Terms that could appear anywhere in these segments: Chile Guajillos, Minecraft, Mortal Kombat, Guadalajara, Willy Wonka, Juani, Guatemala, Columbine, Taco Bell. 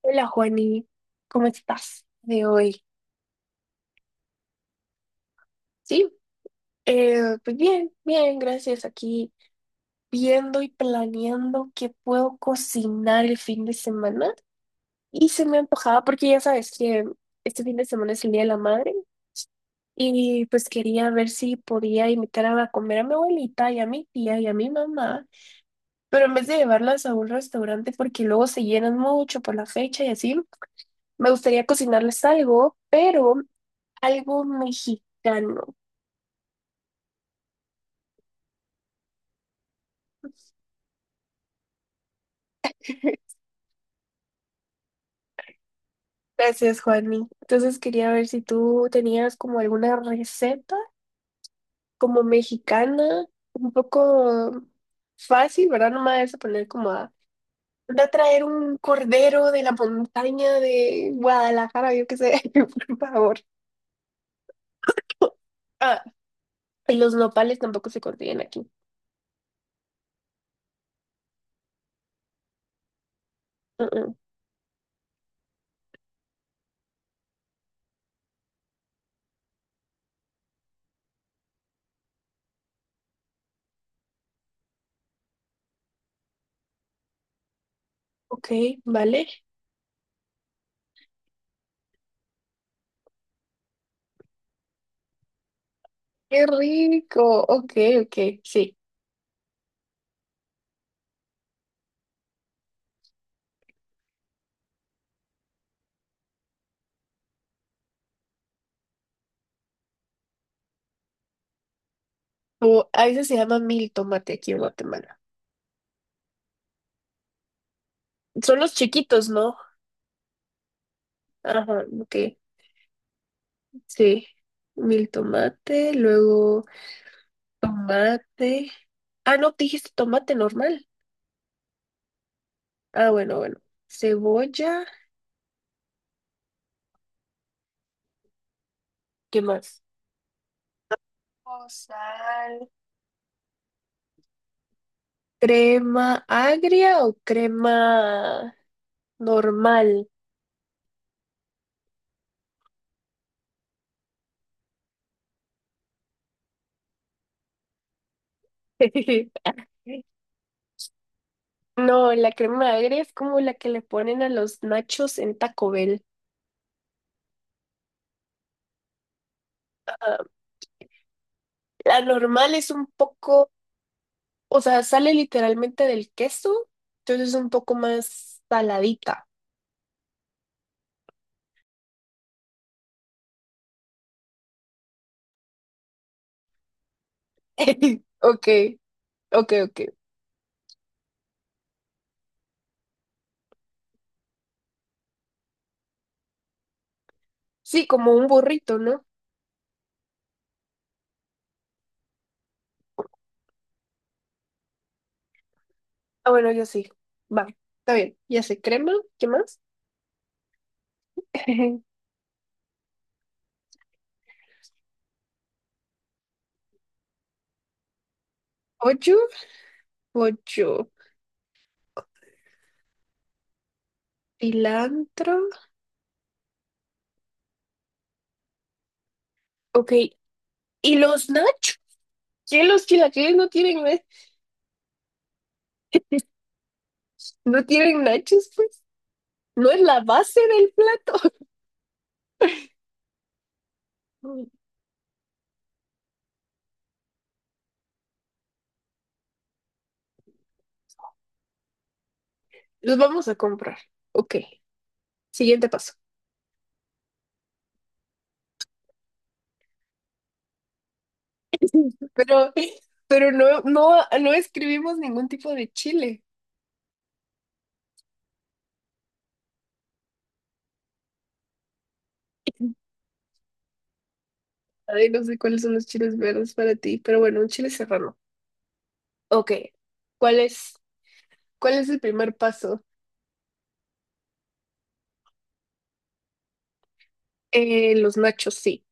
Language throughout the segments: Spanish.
Hola Juani, ¿cómo estás de hoy? Sí, pues bien, bien, gracias. Aquí viendo y planeando qué puedo cocinar el fin de semana. Y se me antojaba porque ya sabes que este fin de semana es el Día de la Madre y pues quería ver si podía invitar a comer a mi abuelita y a mi tía y a mi mamá, pero en vez de llevarlas a un restaurante porque luego se llenan mucho por la fecha y así, me gustaría cocinarles algo, pero algo mexicano. Gracias, Juani. Entonces quería ver si tú tenías como alguna receta como mexicana, un poco fácil, ¿verdad? No me vayas a poner como a, anda a traer un cordero de la montaña de Guadalajara, yo qué sé, por favor. Ah, y los nopales tampoco se consiguen aquí. Uh-uh. Ok, vale. Qué rico. Ok, ok, sí. O, a veces se llama mil tomate aquí en Guatemala. Son los chiquitos, ¿no? Ajá, ok. Sí, mil tomate, luego tomate. Ah, no, dijiste tomate normal. Ah, bueno, bueno. Cebolla, ¿qué más? O sal. ¿Crema agria o crema normal? No, la crema agria es como la que le ponen a los nachos en Taco Bell. Ah, la normal es un poco, o sea, sale literalmente del queso, entonces es un poco más saladita. Ok, Ok, ok. Sí, como un burrito, ¿no? Ah, bueno, yo sí. Va, está bien. Ya sé, crema, ¿qué más? Pollo, pollo, cilantro. Ok. ¿Y los nachos? ¿Qué los chilaquiles no tienen, na- no tienen nachos, pues? ¿No es la base del plato? Los vamos a comprar. Ok, siguiente paso. Pero, pero no escribimos ningún tipo de chile. Ay, no sé cuáles son los chiles verdes para ti, pero bueno, un chile serrano. Ok, ¿cuál es, ¿cuál es el primer paso? Los nachos, sí.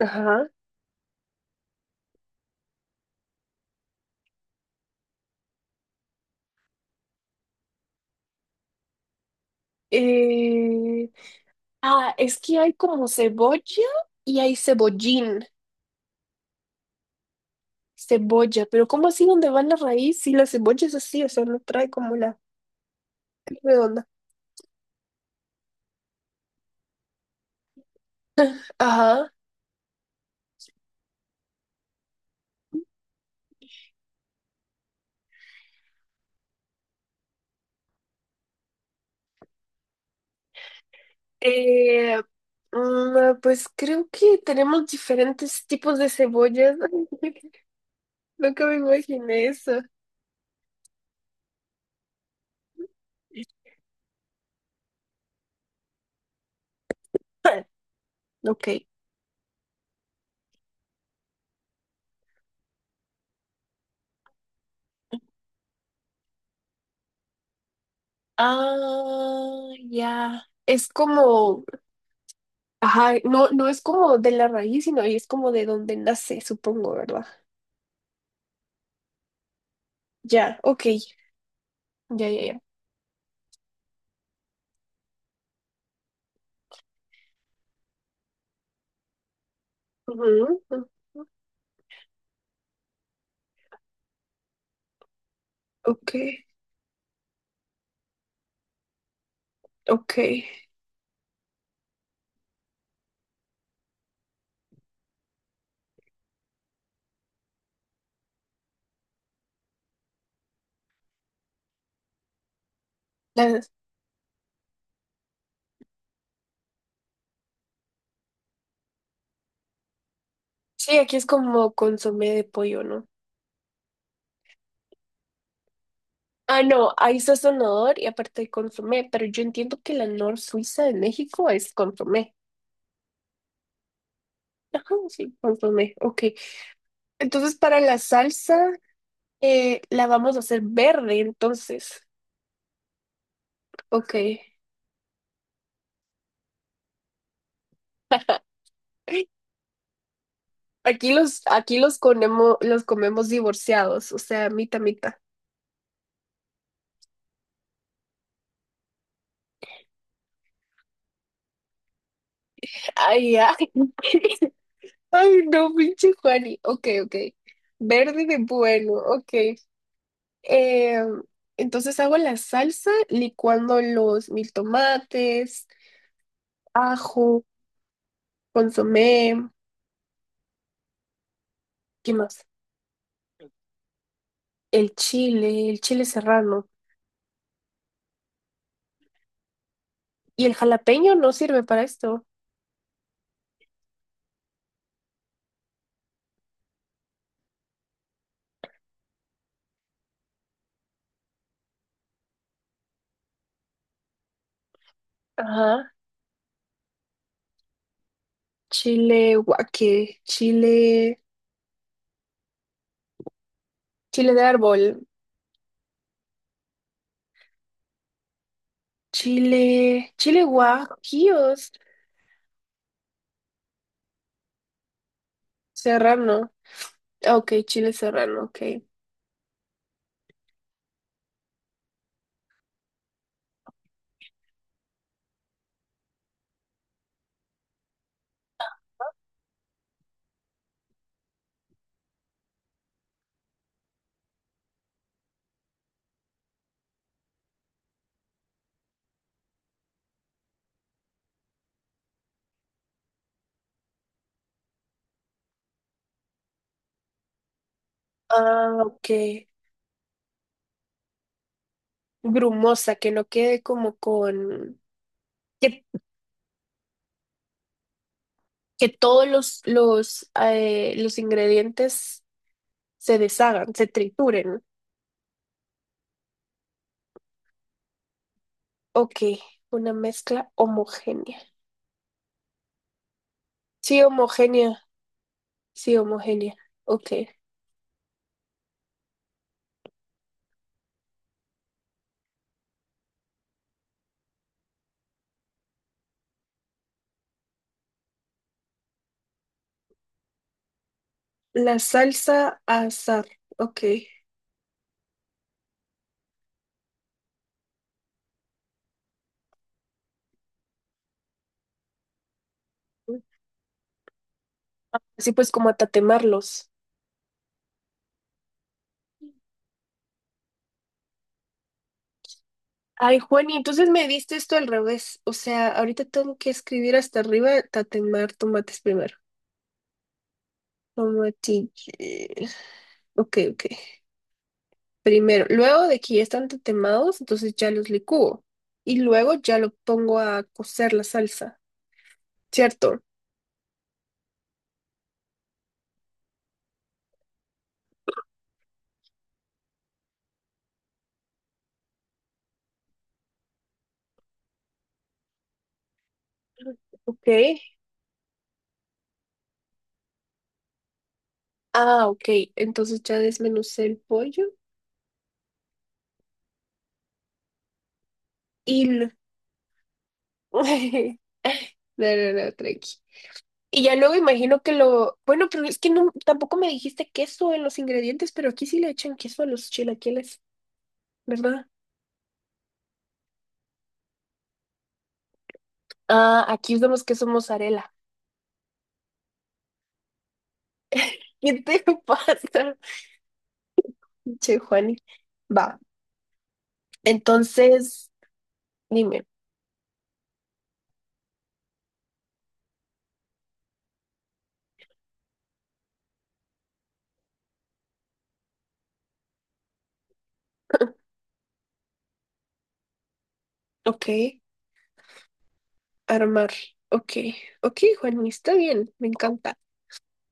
Ajá. Eh, ah, es que hay como cebolla y hay cebollín, cebolla, pero ¿cómo así donde va la raíz? Si la cebolla es así, o sea, no trae como la redonda. Ajá. Eh, pues creo que tenemos diferentes tipos de cebollas. Nunca me imaginé eso. Ok. Ah, ya. Es como Ajá, no, no es como de la raíz, sino ahí es como de donde nace, supongo, ¿verdad? Ya, ok, ya, ya, ya. Ujú, ujú, Ok, ok. La- sí, aquí es como consomé de pollo, ¿no? Ah, no, ahí está sonador y aparte hay consomé, pero yo entiendo que la nor Suiza de México es consomé. Ajá, sí, consomé, ok. Entonces, para la salsa, la vamos a hacer verde, entonces, ok. Aquí los comemos divorciados, o sea, mitad, mitad. Ay, ay. Ay, no, pinche Juani. Ok, ok. Verde de bueno, ok. Eh, entonces hago la salsa licuando los mil tomates, ajo, consomé, ¿qué más? El chile serrano. Y el jalapeño no sirve para esto. Ajá. Chile guaque, chile, chile de árbol. Chile, Chile Guajillos, Serrano. Ah, Ok, Chile Serrano, ok. Ah, ok. Grumosa, que no quede como con... Que, que todos los ingredientes se deshagan, se trituren. Ok, una mezcla homogénea. Sí, homogénea, sí, homogénea. Ok. La salsa azar, ok. Así pues como a tatemarlos. Ay, Juan, y entonces me diste esto al revés. O sea, ahorita tengo que escribir hasta arriba, tatemar tomates primero. Tomatille. Ok, ok. Primero, luego de que ya están tatemados, entonces ya los licúo. Y luego ya lo pongo a cocer la salsa, ¿cierto? Ok. Ah, ok. Entonces ya desmenucé el pollo y... lo- No, no, no, tranqui. Y ya luego imagino que lo, bueno, pero es que no, tampoco me dijiste queso en los ingredientes, pero aquí sí le echan queso a los chilaquiles, ¿verdad? Ah, aquí usamos queso mozzarella. ¿Qué te pasa? Che, Juani. Va, entonces, dime. Ok, armar. Ok, ok, Juani, está bien, me encanta.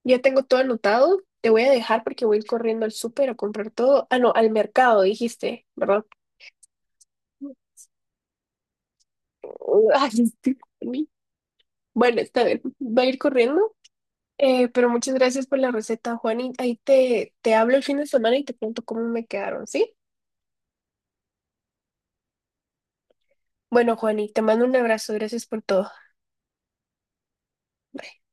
Ya tengo todo anotado. Te voy a dejar porque voy a ir corriendo al súper a comprar todo. Ah, no, al mercado, dijiste, ¿verdad? Ay, estoy- Bueno, está bien. Voy a ir corriendo pero muchas gracias por la receta, Juan. Y ahí te, te hablo el fin de semana y te cuento cómo me quedaron, ¿sí? Bueno, Juan, y te mando un abrazo. Gracias por todo. Bye.